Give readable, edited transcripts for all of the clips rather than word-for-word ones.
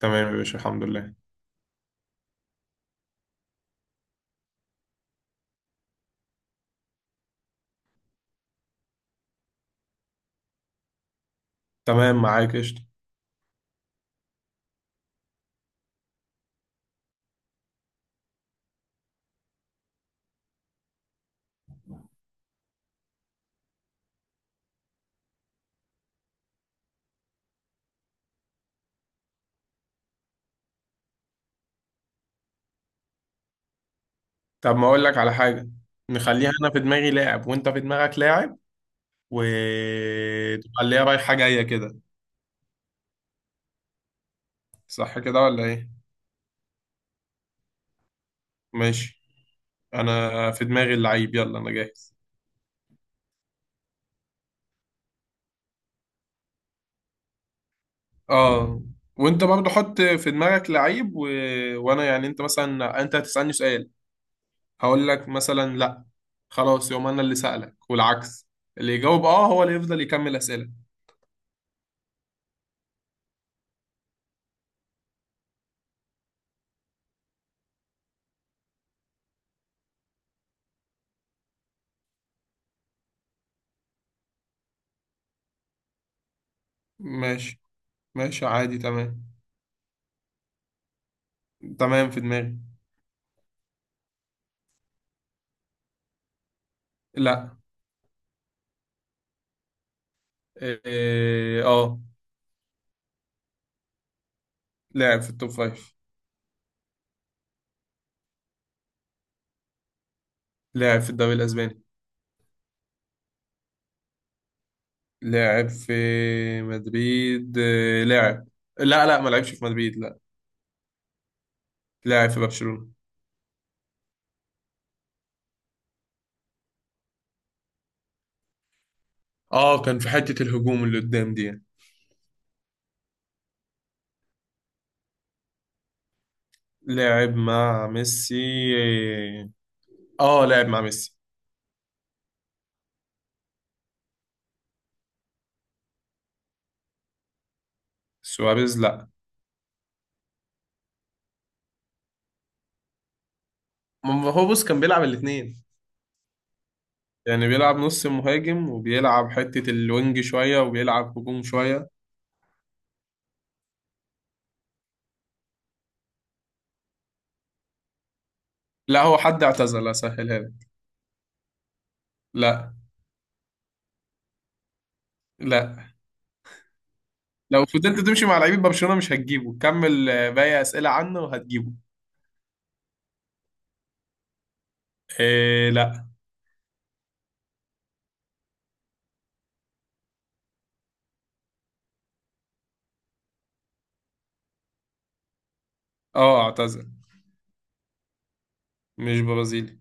تمام يا باشا، الحمد لله. تمام معاك قشطة. طب ما اقول لك على حاجة، نخليها انا في دماغي لاعب وانت في دماغك لاعب، وتبقى اللي هي رايحة جاية كده. صح كده ولا ايه؟ ماشي. انا في دماغي اللعيب، يلا انا جاهز. اه. وانت برضو حط في دماغك لعيب وانا يعني انت مثلا انت هتسألني سؤال، هقول لك مثلا لا، خلاص يوم انا اللي سألك والعكس. اللي يجاوب اه هو اللي يفضل يكمل أسئلة. ماشي. ماشي عادي، تمام. تمام، في دماغي. لا. إيه، اه. لاعب في التوب فايف. لاعب في الدوري الاسباني. لاعب في مدريد، إيه، لاعب، لا ما لعبش في مدريد، لا. لاعب في برشلونة. اه، كان في حتة الهجوم اللي قدام دي يعني. لاعب مع ميسي، إيه، اه لاعب مع ميسي. سواريز لا. ما هو بص كان بيلعب الاثنين، يعني بيلعب نص مهاجم وبيلعب حتة الوينج شوية وبيلعب هجوم شوية. لا هو حد اعتزل، اسهلها لك. لا. لا. لو فضلت تمشي مع لعيبه برشلونه مش هتجيبه، كمل باقي اسئله عنه وهتجيبه. إيه لا. اه اعتزل. مش برازيلي.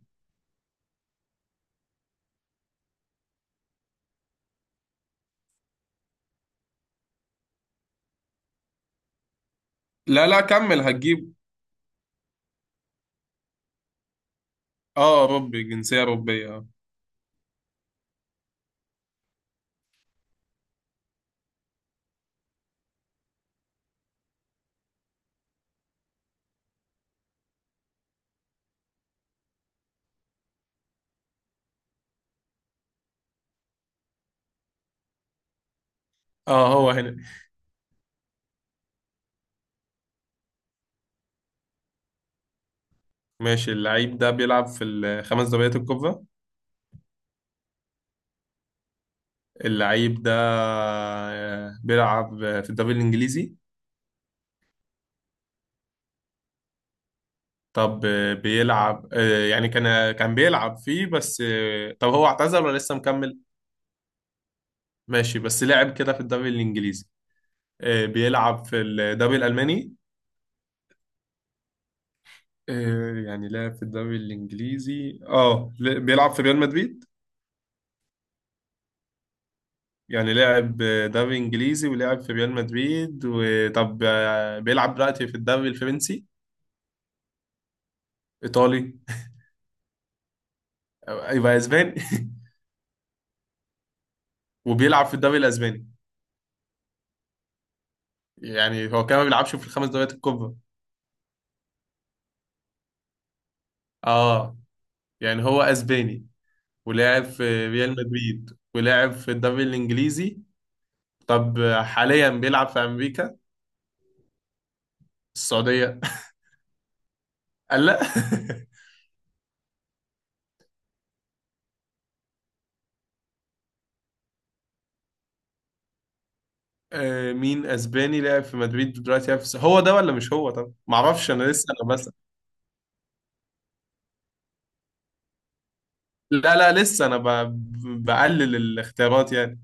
لا كمل هتجيبه. اه اوروبي، جنسيه اوروبيه اه. اه هو هنا. ماشي، اللعيب ده بيلعب في الخمس دوريات الكبرى. اللعيب ده بيلعب في الدوري الانجليزي. طب بيلعب، يعني كان بيلعب فيه بس، طب هو اعتزل ولا لسه مكمل؟ ماشي، بس لعب كده في الدوري الانجليزي. بيلعب في الدوري الالماني؟ يعني لاعب في الدوري الإنجليزي اه، بيلعب في ريال مدريد. يعني لاعب دوري إنجليزي ولاعب في ريال مدريد، وطب بيلعب دلوقتي في الدوري الفرنسي؟ إيطالي؟ يبقى أسباني. وبيلعب في الدوري الأسباني. يعني هو كمان ما بيلعبش في الخمس دوريات الكبرى. اه. يعني هو أسباني ولاعب في ريال مدريد ولاعب في الدوري الإنجليزي. طب حاليا بيلعب في أمريكا؟ السعودية؟ قال لا. مين اسباني لعب في مدريد ودلوقتي لعب في هو ده ولا مش هو؟ طب ما اعرفش انا، لسه انا بس، لا لسه بقلل الاختيارات يعني.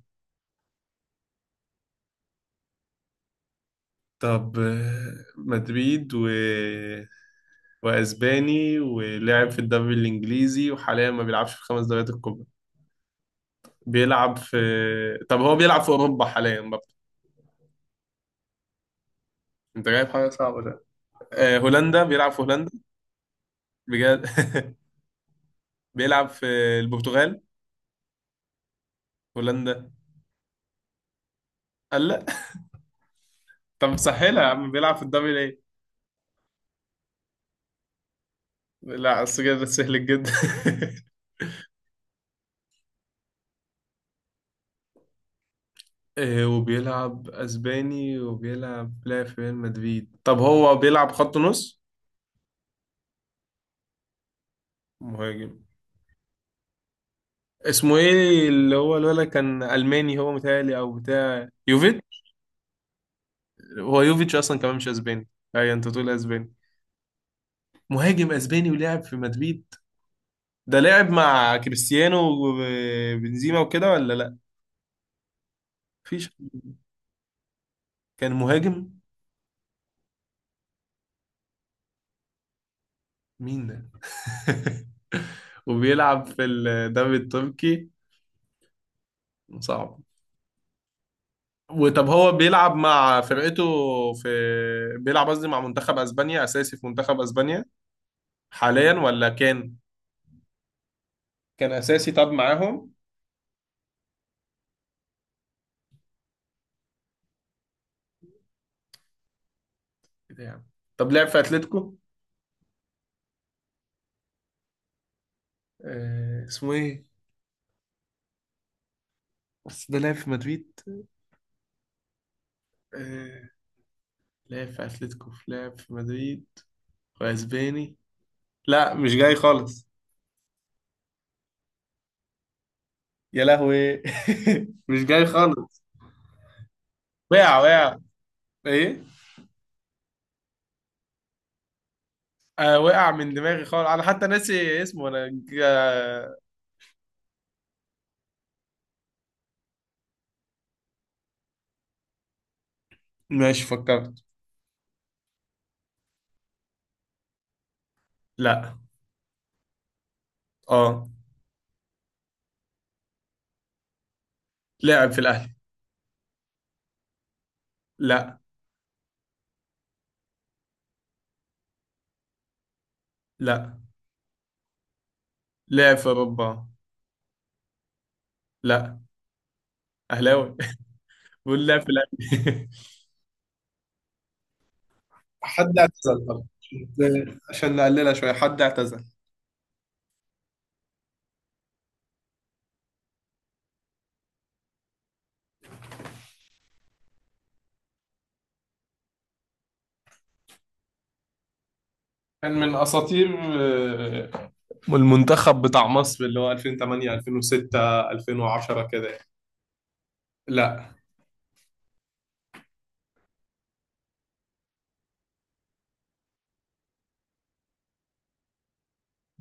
طب مدريد و واسباني ولعب في الدوري الانجليزي وحاليا ما بيلعبش في الخمس دوريات الكبرى، بيلعب في، طب هو بيلعب في اوروبا حاليا برضه؟ انت جايب حاجه صعبه ده. هولندا، بيلعب في هولندا؟ بجد. بيلعب في البرتغال؟ هولندا؟ قال لا. طب سهلها يا عم، بيلعب في الدوري ليه؟ لا، السجاير ده سهل جدا. وبيلعب اسباني وبيلعب لا في ريال مدريد، طب هو بيلعب خط نص؟ مهاجم. اسمه ايه، اللي هو الولد كان الماني، هو متهيألي او بتاع يوفيتش. هو يوفيتش اصلا كمان مش اسباني، اي انت تقول اسباني. مهاجم اسباني ولعب في مدريد، ده لعب مع كريستيانو وبنزيما وكده ولا لا؟ مفيش. كان مهاجم. مين ده؟ وبيلعب في الدوري التركي. صعب. وطب هو بيلعب مع فرقته في، بيلعب قصدي مع منتخب اسبانيا، اساسي في منتخب اسبانيا حاليا ولا كان؟ كان اساسي طب معاهم. إيه ده يعني؟ طب لعب في اتلتيكو؟ آه اسمه ايه، بس ده لعب في مدريد، آه لعب في اتلتيكو لعب في مدريد واسباني، لا مش جاي خالص. يا لهوي. مش جاي خالص. وقع. ايه؟ آه وقع من دماغي خالص، انا حتى ناسي اسمه، انا. ماشي، فكرت. لا. اه. لاعب في الاهلي. لا. لا. لاعب في اوروبا. لا. اهلاوي. بقول لاعب في الاهلي. حد اعتزل طبعا، عشان نقللها شوية، حد اعتزل. كان من أساطير آه، المنتخب بتاع مصر، اللي هو 2008 2006 2010 كده يعني. لا،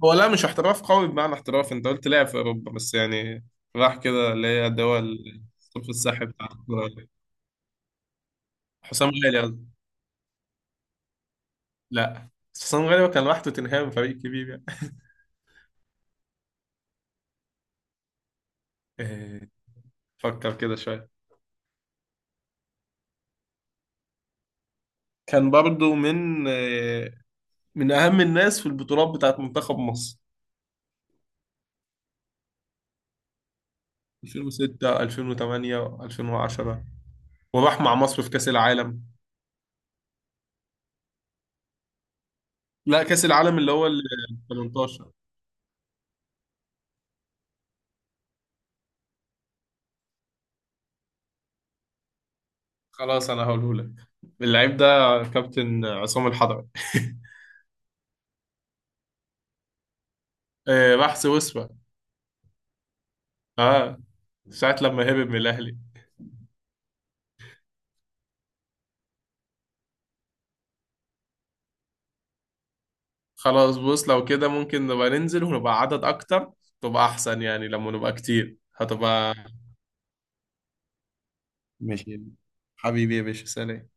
هو لا مش احتراف قوي بمعنى احتراف، انت قلت لعب في أوروبا بس يعني، راح كده اللي هي الدول. الصف الساحل بتاع الكورة. حسام غالي قصدي. لا. حسام غالي هو كان راح توتنهام، فريق كبير يعني. آه، فكر كده شوية. كان برضو من من أهم الناس في البطولات بتاعت منتخب مصر 2006 2008 2010، وراح مع مصر في كأس العالم. لا، كأس العالم اللي هو ال 18. خلاص أنا هقوله لك، اللعيب ده كابتن عصام الحضري. راح سويسرا اه، ساعة لما هرب من الأهلي. خلاص بص، لو كده ممكن نبقى ننزل ونبقى عدد أكتر، تبقى أحسن، يعني لما نبقى كتير هتبقى. ماشي. حبيبي يا باشا، سلام.